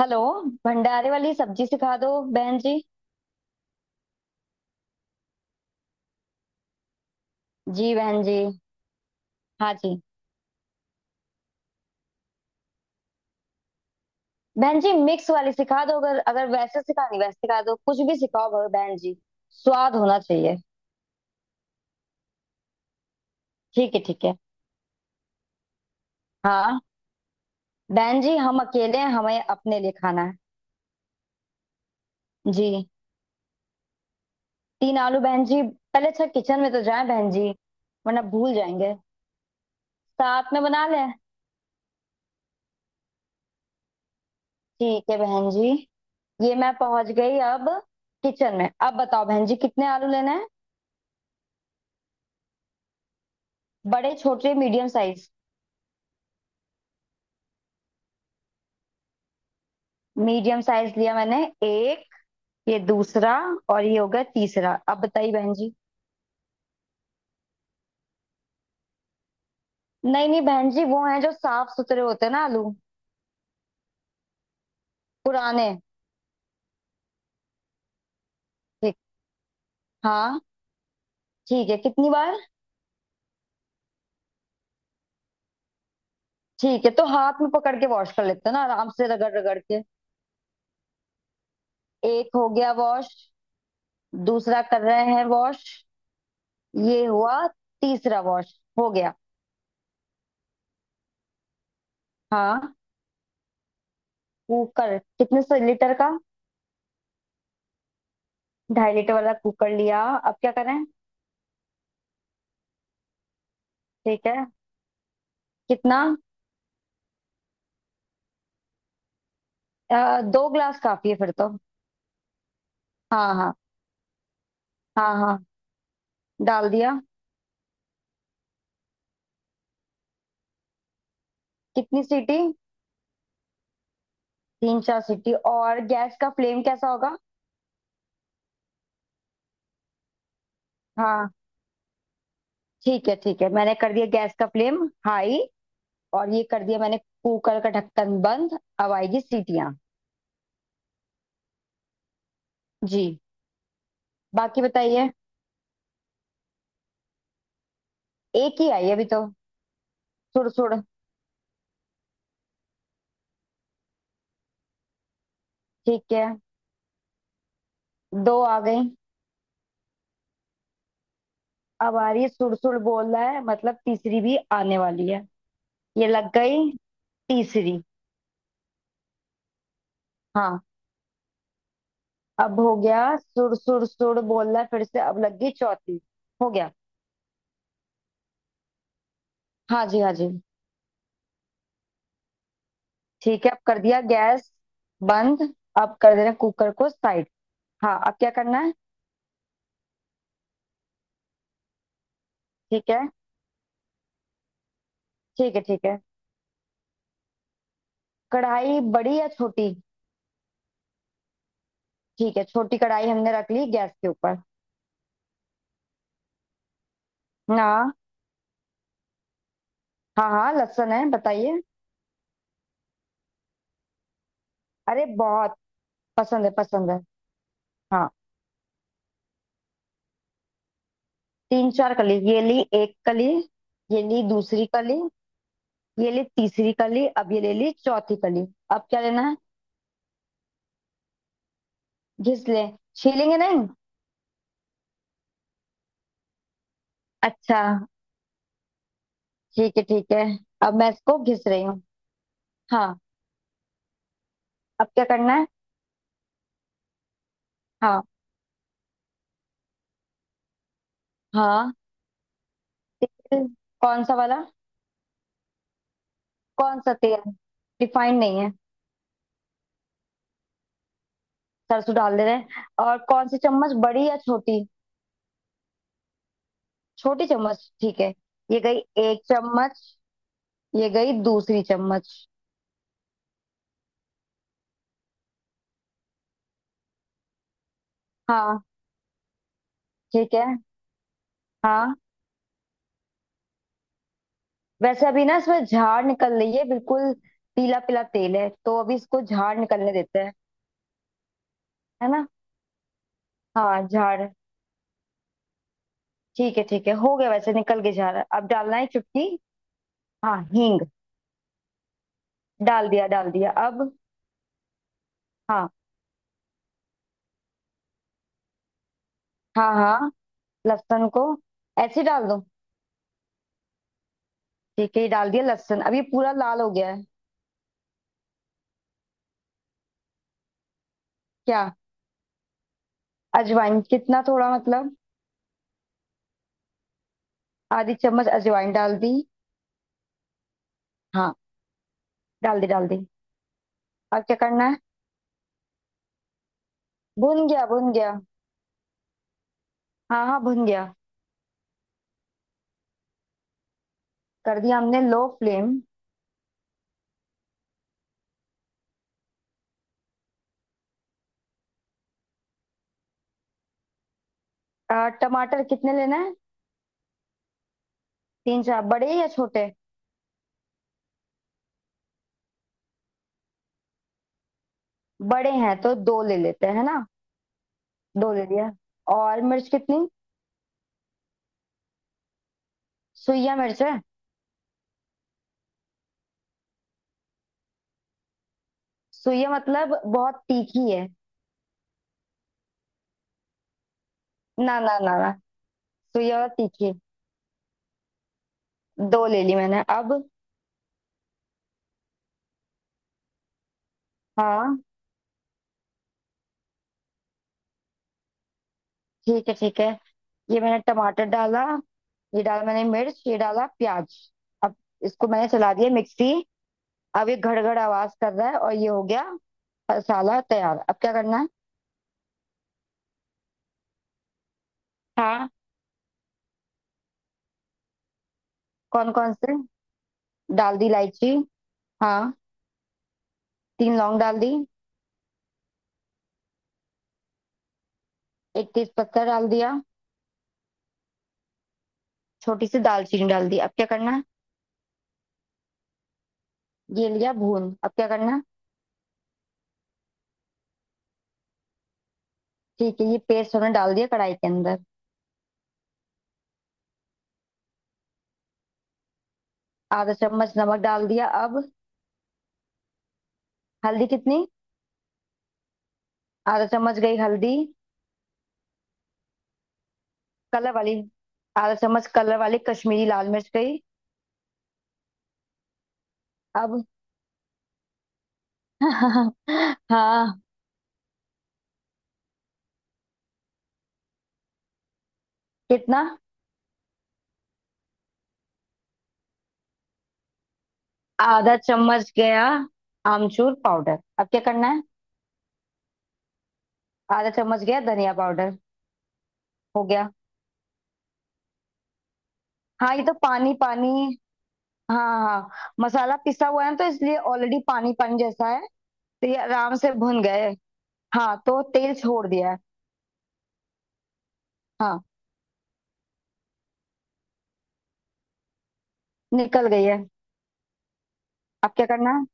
Hello. भंडारे वाली सब्जी सिखा दो बहन जी। जी बहन जी। हाँ जी। बहन जी मिक्स वाली सिखा दो अगर अगर वैसे सिखानी वैसे सिखा दो, कुछ भी सिखाओ बहन जी। स्वाद होना चाहिए। ठीक है ठीक है। हाँ बहन जी, हम अकेले हैं, हमें अपने लिए खाना है। जी। तीन आलू बहन जी, पहले अच्छा किचन में तो जाए बहन जी। वरना भूल जाएंगे, साथ में बना लें। ठीक है बहन जी। ये मैं पहुंच गई अब किचन में। अब बताओ बहन जी कितने आलू लेना है। बड़े, छोटे, मीडियम साइज? मीडियम साइज लिया मैंने एक। ये दूसरा। और ये हो गया तीसरा। अब बताइए बहन जी। नहीं नहीं बहन जी, वो हैं जो साफ सुथरे होते हैं ना आलू। पुराने। ठीक। हाँ। ठीक है, कितनी बार? ठीक है, तो हाथ में पकड़ के वॉश कर लेते हैं ना, आराम से रगड़ रगड़ के। एक हो गया वॉश। दूसरा कर रहे हैं वॉश। ये हुआ। तीसरा वॉश हो गया। हाँ। कुकर कितने सौ लीटर का? 2.5 लीटर वाला कुकर लिया, अब क्या करें? ठीक है, कितना? दो ग्लास काफी है फिर तो। हाँ हाँ हाँ हाँ डाल दिया। कितनी सीटी, तीन चार सीटी? और गैस का फ्लेम कैसा होगा? हाँ ठीक है ठीक है, मैंने कर दिया गैस का फ्लेम हाई। और ये कर दिया मैंने कुकर का ढक्कन बंद, अब आएगी सीटियाँ। जी। बाकी बताइए। एक ही आई अभी तो। सुड़ सुड़। ठीक है, दो आ गई। अब आ रही है, सुड़ सुड़ बोल रहा है, मतलब तीसरी भी आने वाली है। ये लग गई तीसरी। हाँ। अब हो गया सुड़ सुड़ सुड़ बोल रहा है फिर से, अब लग गई चौथी। हो गया। हाँ जी हाँ जी। ठीक है, अब कर दिया गैस बंद। अब कर देना कुकर को साइड। हाँ, अब क्या करना है? ठीक है ठीक है ठीक है। कढ़ाई बड़ी या छोटी? ठीक है, छोटी कढ़ाई हमने रख ली गैस के ऊपर। ना। हाँ हाँ, लहसुन है, बताइए। अरे बहुत पसंद है पसंद है। हाँ। तीन चार कली, ये ली एक कली। ये ली दूसरी कली। ये ली तीसरी कली। अब ये ले ली चौथी कली। अब क्या लेना है? घिस ले। छीलेंगे नहीं? अच्छा। ठीक है ठीक है। अब मैं इसको घिस रही हूँ। हाँ, अब क्या करना है? हाँ हाँ। तेल कौन सा वाला? कौन सा तेल? रिफाइंड नहीं है। सरसों डाल दे रहे हैं। और कौन सी चम्मच, बड़ी या छोटी? छोटी चम्मच ठीक है। ये गई एक चम्मच। ये गई दूसरी चम्मच। हाँ। ठीक है। हाँ, वैसे अभी ना इसमें झाड़ निकल रही है बिल्कुल। पीला पीला तेल है तो अभी इसको झाड़ निकलने देते हैं। है ना? हाँ झाड़। ठीक है ठीक है, हो गया वैसे निकल के झाड़, अब डालना है चुटकी। हाँ हींग, डाल दिया अब। हाँ हाँ हाँ, लहसुन को ऐसे ही डाल दो। ठीक है, ये डाल दिया लहसुन, अब ये पूरा लाल हो गया है। क्या? अजवाइन कितना, थोड़ा मतलब? आधी चम्मच अजवाइन डाल दी। हाँ डाल दी डाल दी। अब क्या करना है? भुन गया भुन गया। हाँ हाँ भुन गया। कर दिया हमने लो फ्लेम। टमाटर कितने लेना है? तीन चार, बड़े या छोटे? बड़े हैं तो दो ले लेते हैं, है ना? दो ले लिया। और मिर्च कितनी? सुइया मिर्च है। सुइया मतलब बहुत तीखी है। ना ना ना ना। सुइया वाला तीखी। दो ले ली मैंने अब। हाँ ठीक है ठीक है। ये मैंने टमाटर डाला। ये डाला मैंने मिर्च, ये डाला प्याज। अब इसको मैंने चला दिया मिक्सी। अब ये घड़घड़ आवाज कर रहा है, और ये हो गया मसाला तैयार। अब क्या करना है? हाँ। कौन कौन से? डाल दी इलायची। हाँ तीन लौंग डाल दी। एक तेज पत्ता डाल दिया। छोटी सी दालचीनी डाल दी, अब क्या करना है? ये लिया भून, अब क्या करना है? ठीक है, ये पेस्ट हमने डाल दिया कढ़ाई के अंदर। आधा चम्मच नमक डाल दिया। अब हल्दी कितनी? आधा चम्मच गई हल्दी। कलर वाली? आधा चम्मच कलर वाली कश्मीरी लाल मिर्च गई। अब हाँ। कितना? आधा चम्मच गया आमचूर पाउडर। अब क्या करना है? आधा चम्मच गया धनिया पाउडर। हो गया। हाँ, ये तो पानी पानी। हाँ हाँ। मसाला पिसा हुआ है ना, तो इसलिए ऑलरेडी पानी पानी जैसा है। तो ये आराम से भुन गए। हाँ तो तेल छोड़ दिया है। हाँ, निकल गई है। अब क्या करना है?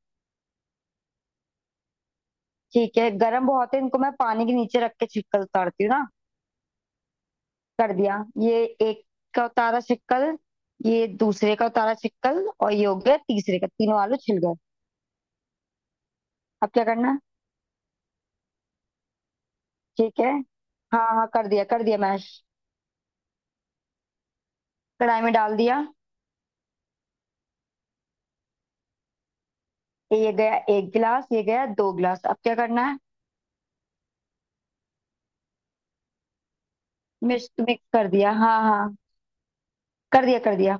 ठीक है, गरम बहुत है, इनको मैं पानी के नीचे रख के छिलका उतारती हूँ ना। कर दिया ये एक का उतारा शिक्कल। ये दूसरे का उतारा शिक्कल, और ये हो गया तीसरे का, तीनों आलू छिल गए। अब क्या करना है? ठीक है हाँ हाँ, कर दिया मैश। कढ़ाई में डाल दिया। ये गया एक गिलास, ये गया दो गिलास। अब क्या करना है? मिक्स मिक्स कर दिया। हाँ हाँ, कर दिया कर दिया।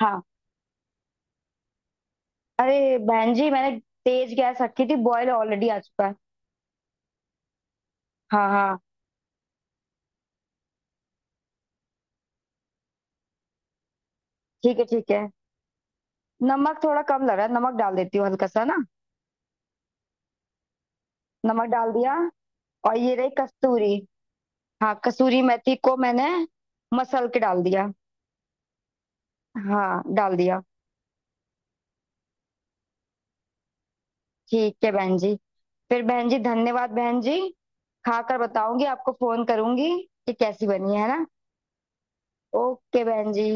हाँ। अरे बहन जी, मैंने तेज गैस रखी थी, बॉयल ऑलरेडी आ चुका है। हाँ हाँ। ठीक है ठीक है, नमक थोड़ा कम लग रहा है, नमक डाल देती हूँ हल्का सा ना। नमक डाल दिया। और ये रही कस्तूरी। हाँ कसूरी मेथी को मैंने मसल के डाल दिया। हाँ डाल दिया। ठीक है बहन जी। फिर बहन जी धन्यवाद बहन जी। खाकर बताऊंगी, आपको फोन करूंगी कि कैसी बनी है ना। ओके बहन जी।